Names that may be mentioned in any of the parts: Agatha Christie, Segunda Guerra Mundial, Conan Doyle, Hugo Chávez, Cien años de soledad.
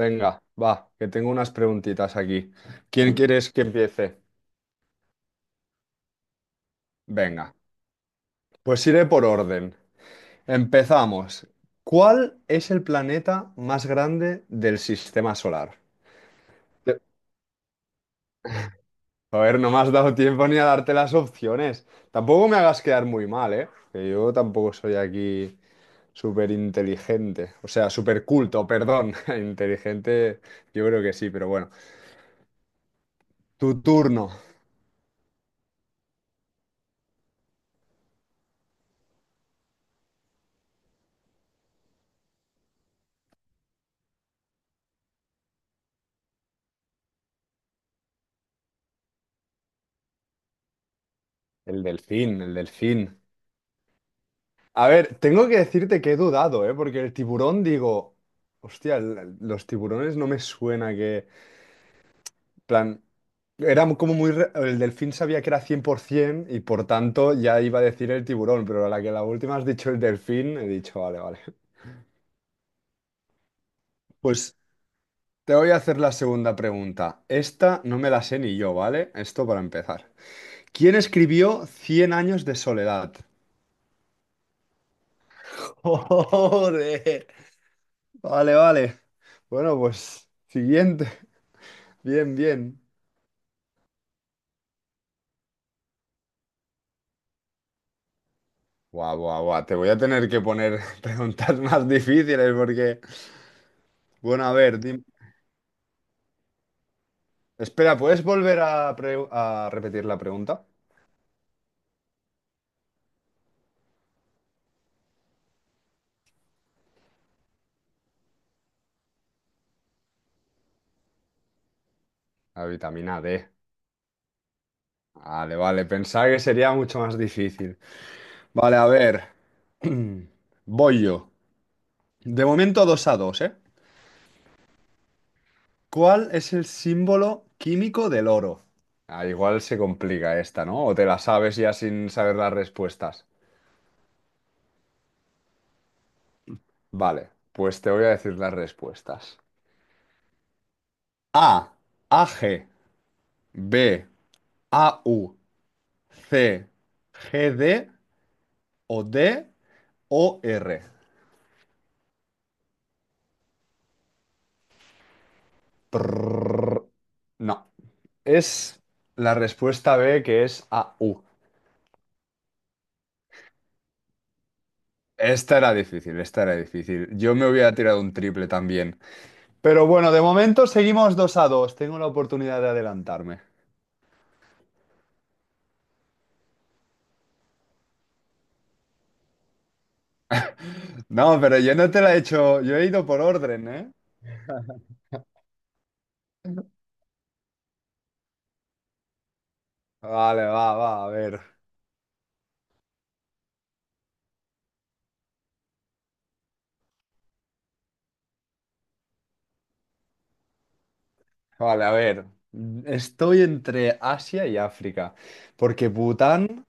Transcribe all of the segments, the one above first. Venga, va, que tengo unas preguntitas aquí. ¿Quién quieres que empiece? Venga, pues iré por orden. Empezamos. ¿Cuál es el planeta más grande del sistema solar? Te- Joder, no me has dado tiempo ni a darte las opciones. Tampoco me hagas quedar muy mal, ¿eh? Que yo tampoco soy aquí súper inteligente. O sea, súper culto, perdón. Inteligente, yo creo que sí, pero bueno. Tu turno. El delfín, el delfín. A ver, tengo que decirte que he dudado, ¿eh? Porque el tiburón, digo, hostia, los tiburones no me suena que, plan, era como muy El delfín sabía que era 100% y por tanto ya iba a decir el tiburón, pero a la que la última has dicho el delfín, he dicho, vale, vale. Pues te voy a hacer la segunda pregunta. Esta no me la sé ni yo, ¿vale? Esto para empezar. ¿Quién escribió Cien años de soledad? Joder. Vale, vale. Bueno, pues siguiente. Bien, bien. Guau, guau, guau. Te voy a tener que poner preguntas más difíciles porque... Bueno, a ver, espera, ¿puedes volver a, a repetir la pregunta? La vitamina D. Vale, vale, pensaba que sería mucho más difícil. Vale, a ver. Voy yo. De momento dos a dos, ¿eh? ¿Cuál es el símbolo químico del oro? Ah, igual se complica esta, ¿no? O te la sabes ya sin saber las respuestas. Vale, pues te voy a decir las respuestas. A, AG, B, AU, C, GD o D o R. Prrr. No, es la respuesta B, que es A U. Esta era difícil, esta era difícil. Yo me hubiera tirado un triple también. Pero bueno, de momento seguimos 2 a 2. Tengo la oportunidad de adelantarme. No, pero yo no te la he hecho. Yo he ido por orden, ¿eh? Vale, va, va, a ver. Vale, a ver, estoy entre Asia y África, porque Bután,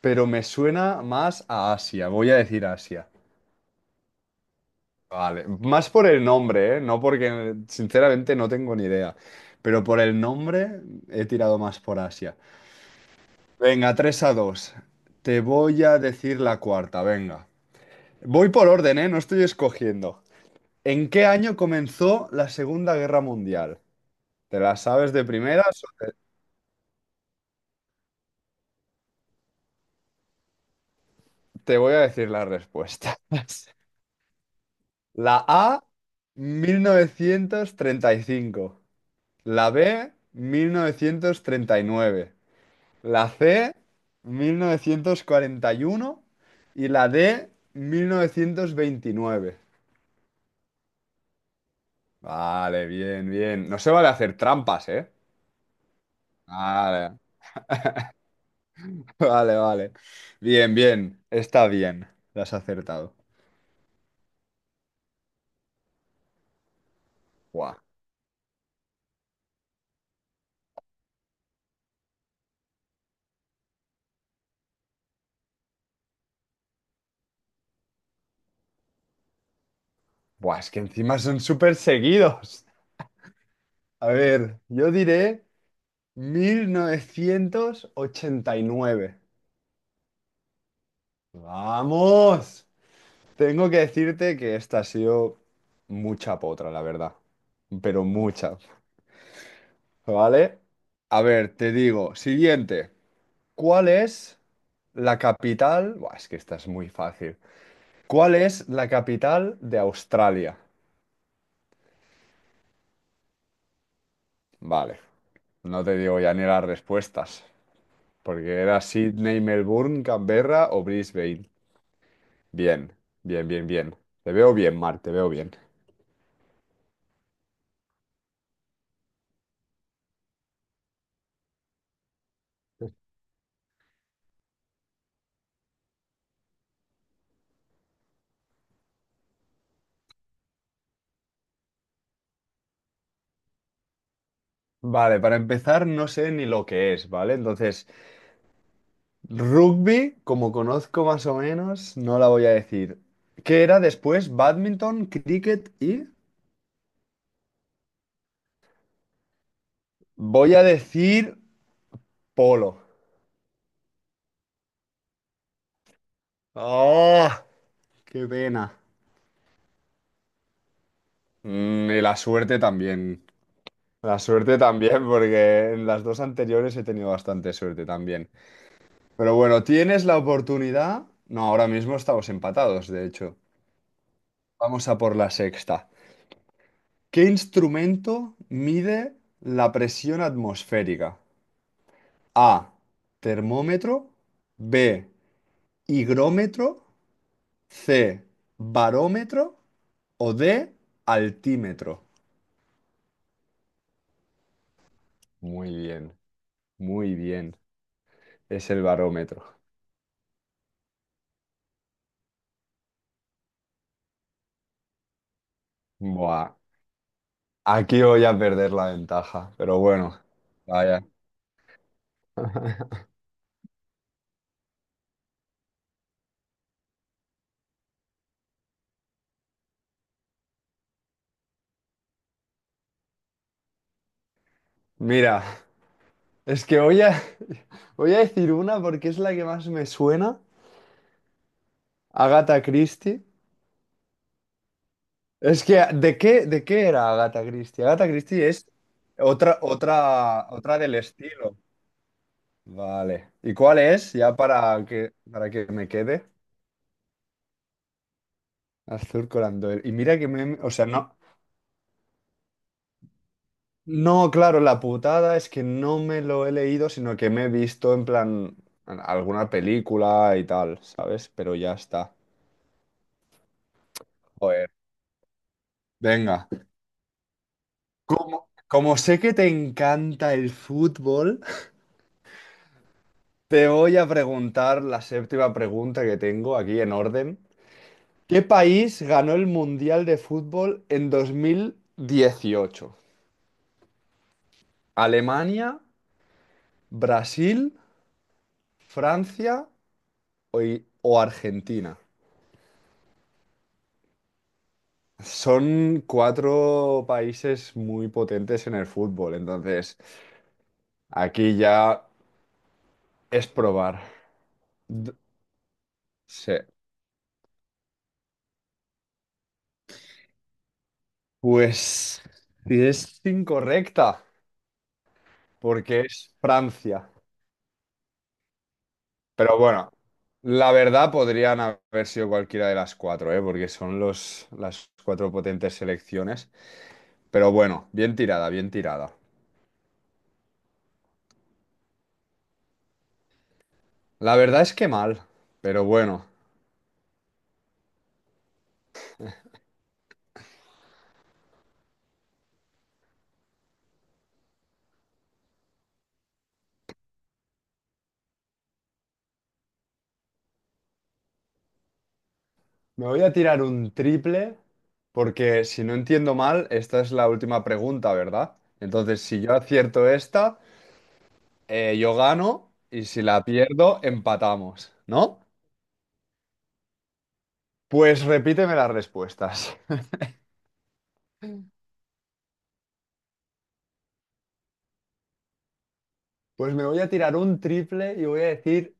pero me suena más a Asia, voy a decir Asia. Vale, más por el nombre, ¿eh? No porque sinceramente no tengo ni idea, pero por el nombre he tirado más por Asia. Venga, 3 a dos. Te voy a decir la cuarta, venga. Voy por orden, ¿eh? No estoy escogiendo. ¿En qué año comenzó la Segunda Guerra Mundial? ¿Te la sabes de primeras? Te voy a decir las respuestas. La A, mil novecientos treinta y cinco; la B, mil novecientos treinta y nueve; la C, mil novecientos cuarenta y uno; y la D, 1929. Vale, bien, bien. No se vale hacer trampas, ¿eh? Vale, vale, vale. Bien, bien. Está bien. Lo has acertado. Buah. Buah, es que encima son súper seguidos. A ver, yo diré 1989. Vamos. Tengo que decirte que esta ha sido mucha potra, la verdad. Pero mucha. ¿Vale? A ver, te digo, siguiente. ¿Cuál es la capital? Buah, es que esta es muy fácil. ¿Cuál es la capital de Australia? Vale, no te digo ya ni las respuestas, porque era Sydney, Melbourne, Canberra o Brisbane. Bien, bien, bien, bien. Te veo bien, Mar, te veo bien. Vale, para empezar, no sé ni lo que es, ¿vale? Entonces, rugby, como conozco más o menos, no la voy a decir. ¿Qué era después? Badminton, cricket y... Voy a decir polo. ¡Ah! ¡Qué pena! Mm, y la suerte también. La suerte también, porque en las dos anteriores he tenido bastante suerte también. Pero bueno, tienes la oportunidad. No, ahora mismo estamos empatados, de hecho. Vamos a por la sexta. ¿Qué instrumento mide la presión atmosférica? A, termómetro. B, higrómetro. C, barómetro. O D, altímetro. Muy bien, muy bien. Es el barómetro. Buah, aquí voy a perder la ventaja, pero bueno, vaya. Mira, es que voy a, voy a decir una porque es la que más me suena. Agatha Christie. Es que, de qué era Agatha Christie? Agatha Christie es otra, otra, otra del estilo. Vale. ¿Y cuál es? Ya para que me quede. Azul Conan Doyle. Y mira que me... O sea, no... No, claro, la putada es que no me lo he leído, sino que me he visto en plan en alguna película y tal, ¿sabes? Pero ya está. Joder. Venga. Co- Como sé que te encanta el fútbol... Te voy a preguntar la séptima pregunta que tengo aquí en orden. ¿Qué país ganó el Mundial de Fútbol en 2018? ¿Alemania, Brasil, Francia o Argentina? Son cuatro países muy potentes en el fútbol, entonces aquí ya es probar. D- Sí. Pues si es incorrecta, porque es Francia. Pero bueno, la verdad podrían haber sido cualquiera de las cuatro, ¿eh? Porque son los, las cuatro potentes selecciones. Pero bueno, bien tirada, bien tirada. La verdad es que mal, pero bueno. Me voy a tirar un triple porque si no entiendo mal, esta es la última pregunta, ¿verdad? Entonces, si yo acierto esta, yo gano y si la pierdo, empatamos, ¿no? Pues repíteme las respuestas. Pues me voy a tirar un triple y voy a decir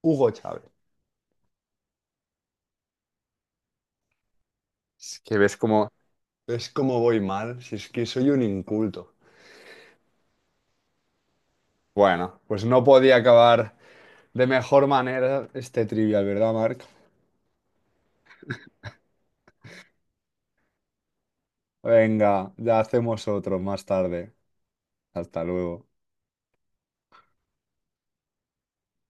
Hugo Chávez. Es que ves como, ¿Ves cómo voy mal? Si es que soy un inculto. Bueno, pues no podía acabar de mejor manera este trivial, ¿verdad, Marc? Venga, ya hacemos otro más tarde. Hasta luego.